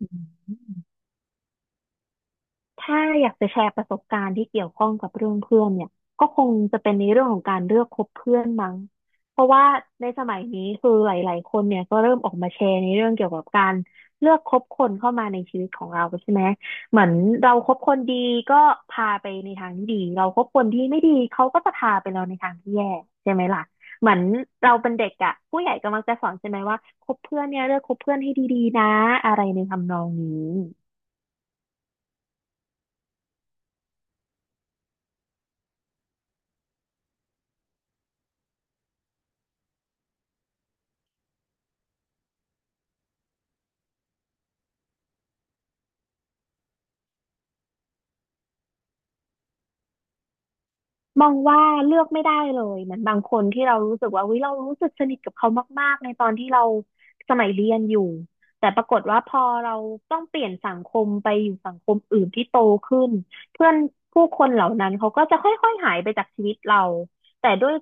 อืมถ้าอยากจะแชร์ประสบการณ์ที่เกี่ยวข้องกับเรื่องเพื่อนเนี่ยก็คงจะเป็นในเรื่องของการเลือกคบเพื่อนมั้ง เพราะว่าในสมัยนี้คือหลายๆคนเนี่ยก็เริ่มออกมาแชร์ในเรื่องเกี่ยวกับการเลือกคบคนเข้ามาในชีวิตของเราใช่ไหมเหมือนเราคบคนดีก็พาไปในทางที่ดีเราคบคนที่ไม่ดีเขาก็จะพาไปเราในทางที่แย่ใช่ไหมล่ะ เหมือนเราเป็นเด็กอะผู้ใหญ่ก็มักจะสอนใช่ไหมว่าคบเพื่อนเนี่ยเลือกคบเพื่อนให้ดีๆนะอะไรในทำนองนี้ มองว่าเลือกไม่ได้เลยเหมือนบางคนที่เรารู้สึกว่าเรารู้สึกสนิทกับเขามากๆในตอนที่เราสมัยเรียนอยู่แต่ปรากฏว่าพอเราต้องเปลี่ยนสังคมไปอยู่สังคมอื่นที่โตขึ้นเพื่อนผู้คนเหล่านั้นเขาก็จะค่อยๆหายไปจากชีวิตเราแต่ด้วย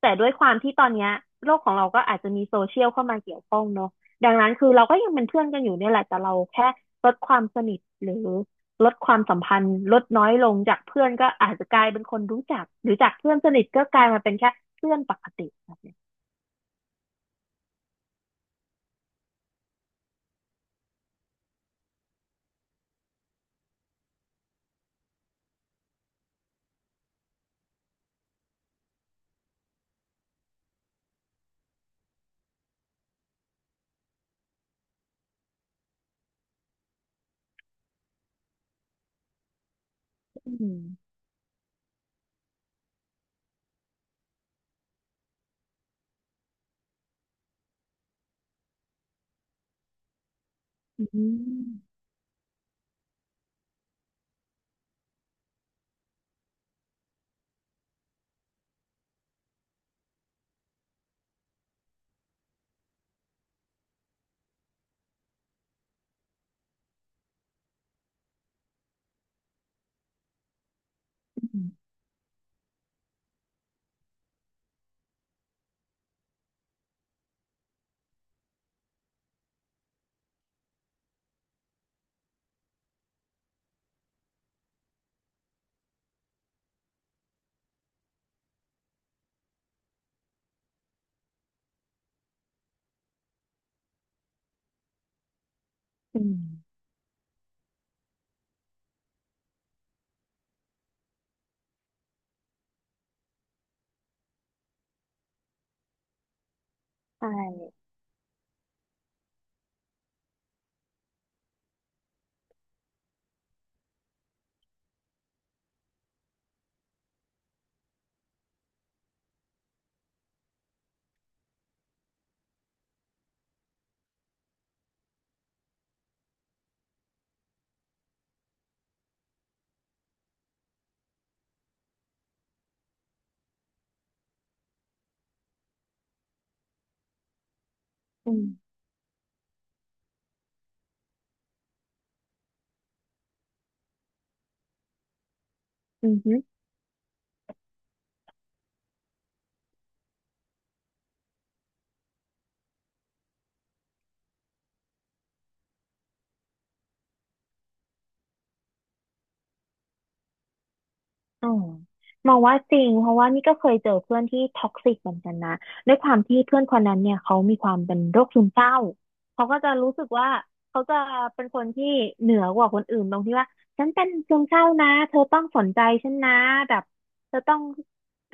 แต่ด้วยความที่ตอนเนี้ยโลกของเราก็อาจจะมีโซเชียลเข้ามาเกี่ยวข้องเนอะดังนั้นคือเราก็ยังเป็นเพื่อนกันอยู่เนี่ยแหละแต่เราแค่ลดความสนิทหรือ ลดความสัมพันธ์ลดน้อยลงจากเพื่อนก็อาจจะกลายเป็นคนรู้จักหรือจากเพื่อนสนิทก็กลายมาเป็นแค่เพื่อนปกติครับเนี่ยอืมอืมอืมใช่อืมอืม อืมมองว่าจริงเพราะว่านี่ก็เคยเจอเพื่อนที่ท็อกซิกเหมือนกันนะด้วยความที่เพื่อนคนนั้นเนี่ยเขามีความเป็นโรคซึมเศร้าเขาก็จะรู้สึกว่าเขาจะเป็นคนที่เหนือกว่าคนอื่นตรงที่ว่าฉันเป็นซึมเศร้านะเธอต้องสนใจฉันนะแบบเธอต้อง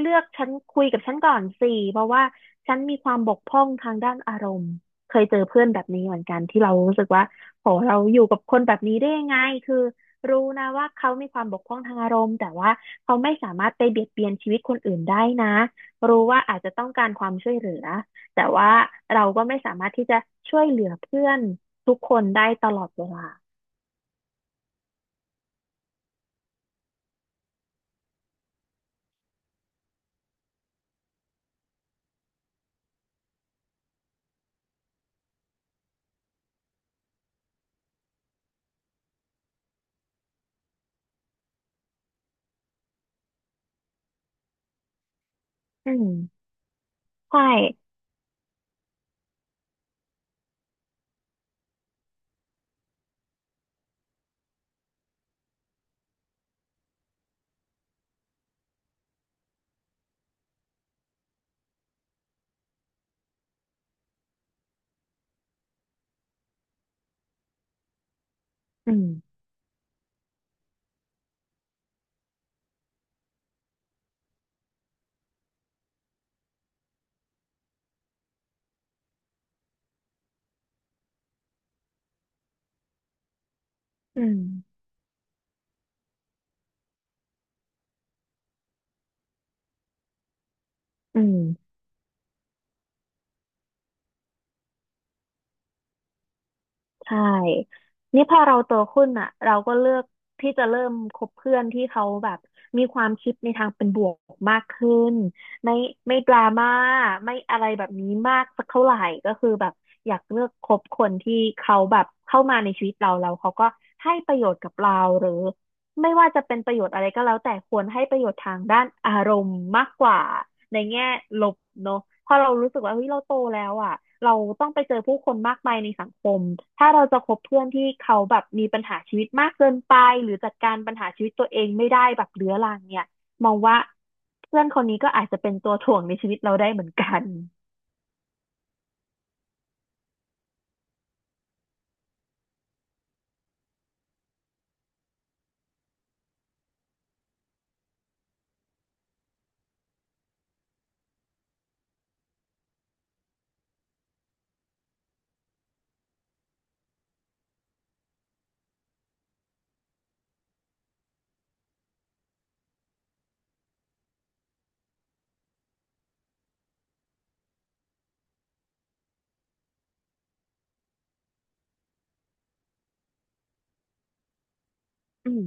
เลือกฉันคุยกับฉันก่อนสิเพราะว่าฉันมีความบกพร่องทางด้านอารมณ์เคยเจอเพื่อนแบบนี้เหมือนกันที่เรารู้สึกว่าโหเราอยู่กับคนแบบนี้ได้ยังไงคือ รู้นะว่าเขามีความบกพร่องทางอารมณ์แต่ว่าเขาไม่สามารถไปเบียดเบียนชีวิตคนอื่นได้นะรู้ว่าอาจจะต้องการความช่วยเหลือแต่ว่าเราก็ไม่สามารถที่จะช่วยเหลือเพื่อนทุกคนได้ตลอดเวลาอืมใช่อืมอืมอืม ใช่ นี่พอเราโตขึ้นอ่ะเราก็เลือกที่จะเริ่มคบเพื่อนที่เขาแบบมีความคิดในทางเป็นบวกมากขึ้นไม่ไม่ดราม่าไม่อะไรแบบนี้มากสักเท่าไหร่ก็คือแบบอยากเลือกคบคนที่เขาแบบเข้ามาในชีวิตเราเขาก็ให้ประโยชน์กับเราหรือ ไม่ว่าจะเป็นประโยชน์อะไรก็แล้วแต่ควรให้ประโยชน์ทางด้านอารมณ์มากกว่าในแง่ลบเนอะเพราะเรารู้สึกว่าเฮ้ยเราโตแล้วอ่ะเราต้องไปเจอผู้คนมากมายในสังคมถ้าเราจะคบเพื่อนที่เขาแบบมีปัญหาชีวิตมากเกินไปหรือจัดการปัญหาชีวิตตัวเองไม่ได้แบบเรื้อรังเนี่ยมองว่าเพื่อนคนนี้ก็อาจจะเป็นตัวถ่วงในชีวิตเราได้เหมือนกันอืม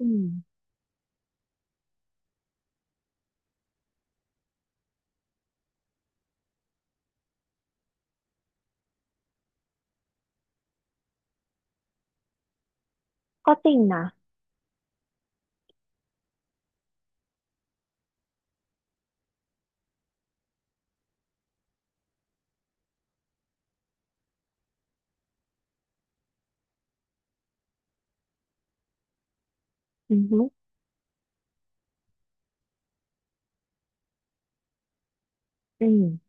อืมก็จริงนะอือฮึอืม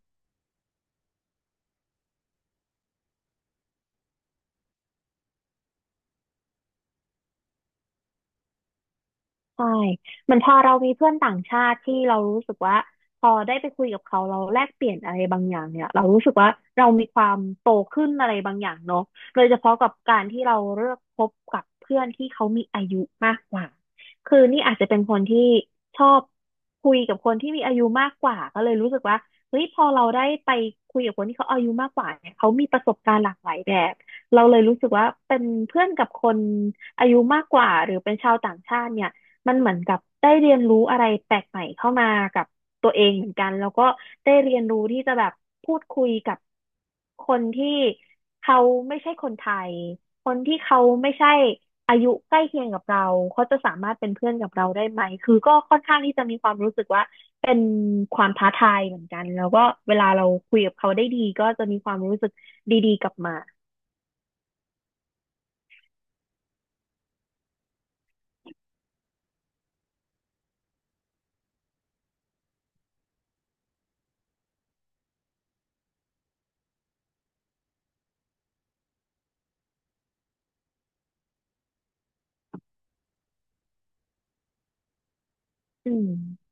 ใช่เหมันพอเรามีเพื่อนต่างชาติที่เรารู้สึกว่าพอได้ไปคุยกับเขาเราแลกเปลี่ยนอะไรบางอย่างเนี่ยเรารู้สึกว่าเรามีความโตขึ้นอะไรบางอย่างเนาะโดยเฉพาะกับการที่เราเลือกคบกับเพื่อนที่เขามีอายุมากกว่าคือนี่อาจจะเป็นคนที่ชอบคุยกับคนที่มีอายุมากกว่าก็เลยรู้สึกว่าเฮ้ยพอเราได้ไปคุยกับคนที่เขาอายุมากกว่าเนี่ยเขามีประสบการณ์หลากหลายแบบเราเลยรู้สึกว่าเป็นเพื่อนกับคนอายุมากกว่าหรือเป็นชาวต่างชาติเนี่ย มันเหมือนกับได้เรียนรู้อะไรแปลกใหม่เข้ามากับตัวเองเหมือนกันแล้วก็ได้เรียนรู้ที่จะแบบพูดคุยกับคนที่เขาไม่ใช่คนไทยคนที่เขาไม่ใช่อายุใกล้เคียงกับเราเขาจะสามารถเป็นเพื่อนกับเราได้ไหมคือก็ค่อนข้างที่จะมีความรู้สึกว่าเป็นความท้าทายเหมือนกันแล้วก็เวลาเราคุยกับเขาได้ดีก็จะมีความรู้สึกดีๆกลับมาอืม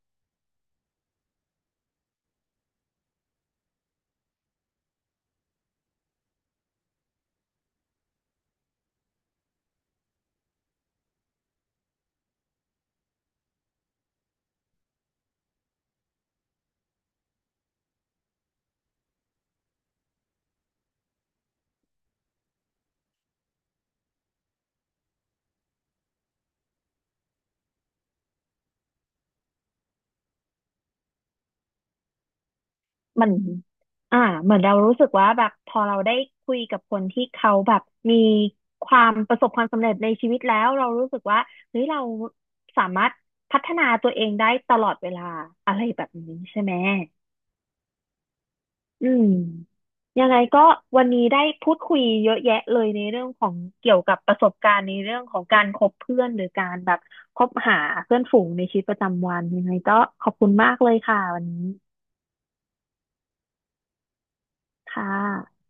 มันอ่าเหมือนเรารู้สึกว่าแบบพอเราได้คุยกับคนที่เขาแบบมีความประสบความสำเร็จในชีวิตแล้วเรารู้สึกว่าเฮ้ยเราสามารถพัฒนาตัวเองได้ตลอดเวลาอะไรแบบนี้ใช่ไหมอืมยังไงก็วันนี้ได้พูดคุยเยอะแยะเลยในเรื่องของเกี่ยวกับประสบการณ์ในเรื่องของการคบเพื่อนหรือการแบบคบหาเพื่อนฝูงในชีวิตประจำวันยังไงก็ขอบคุณมากเลยค่ะวันนี้ค่ะ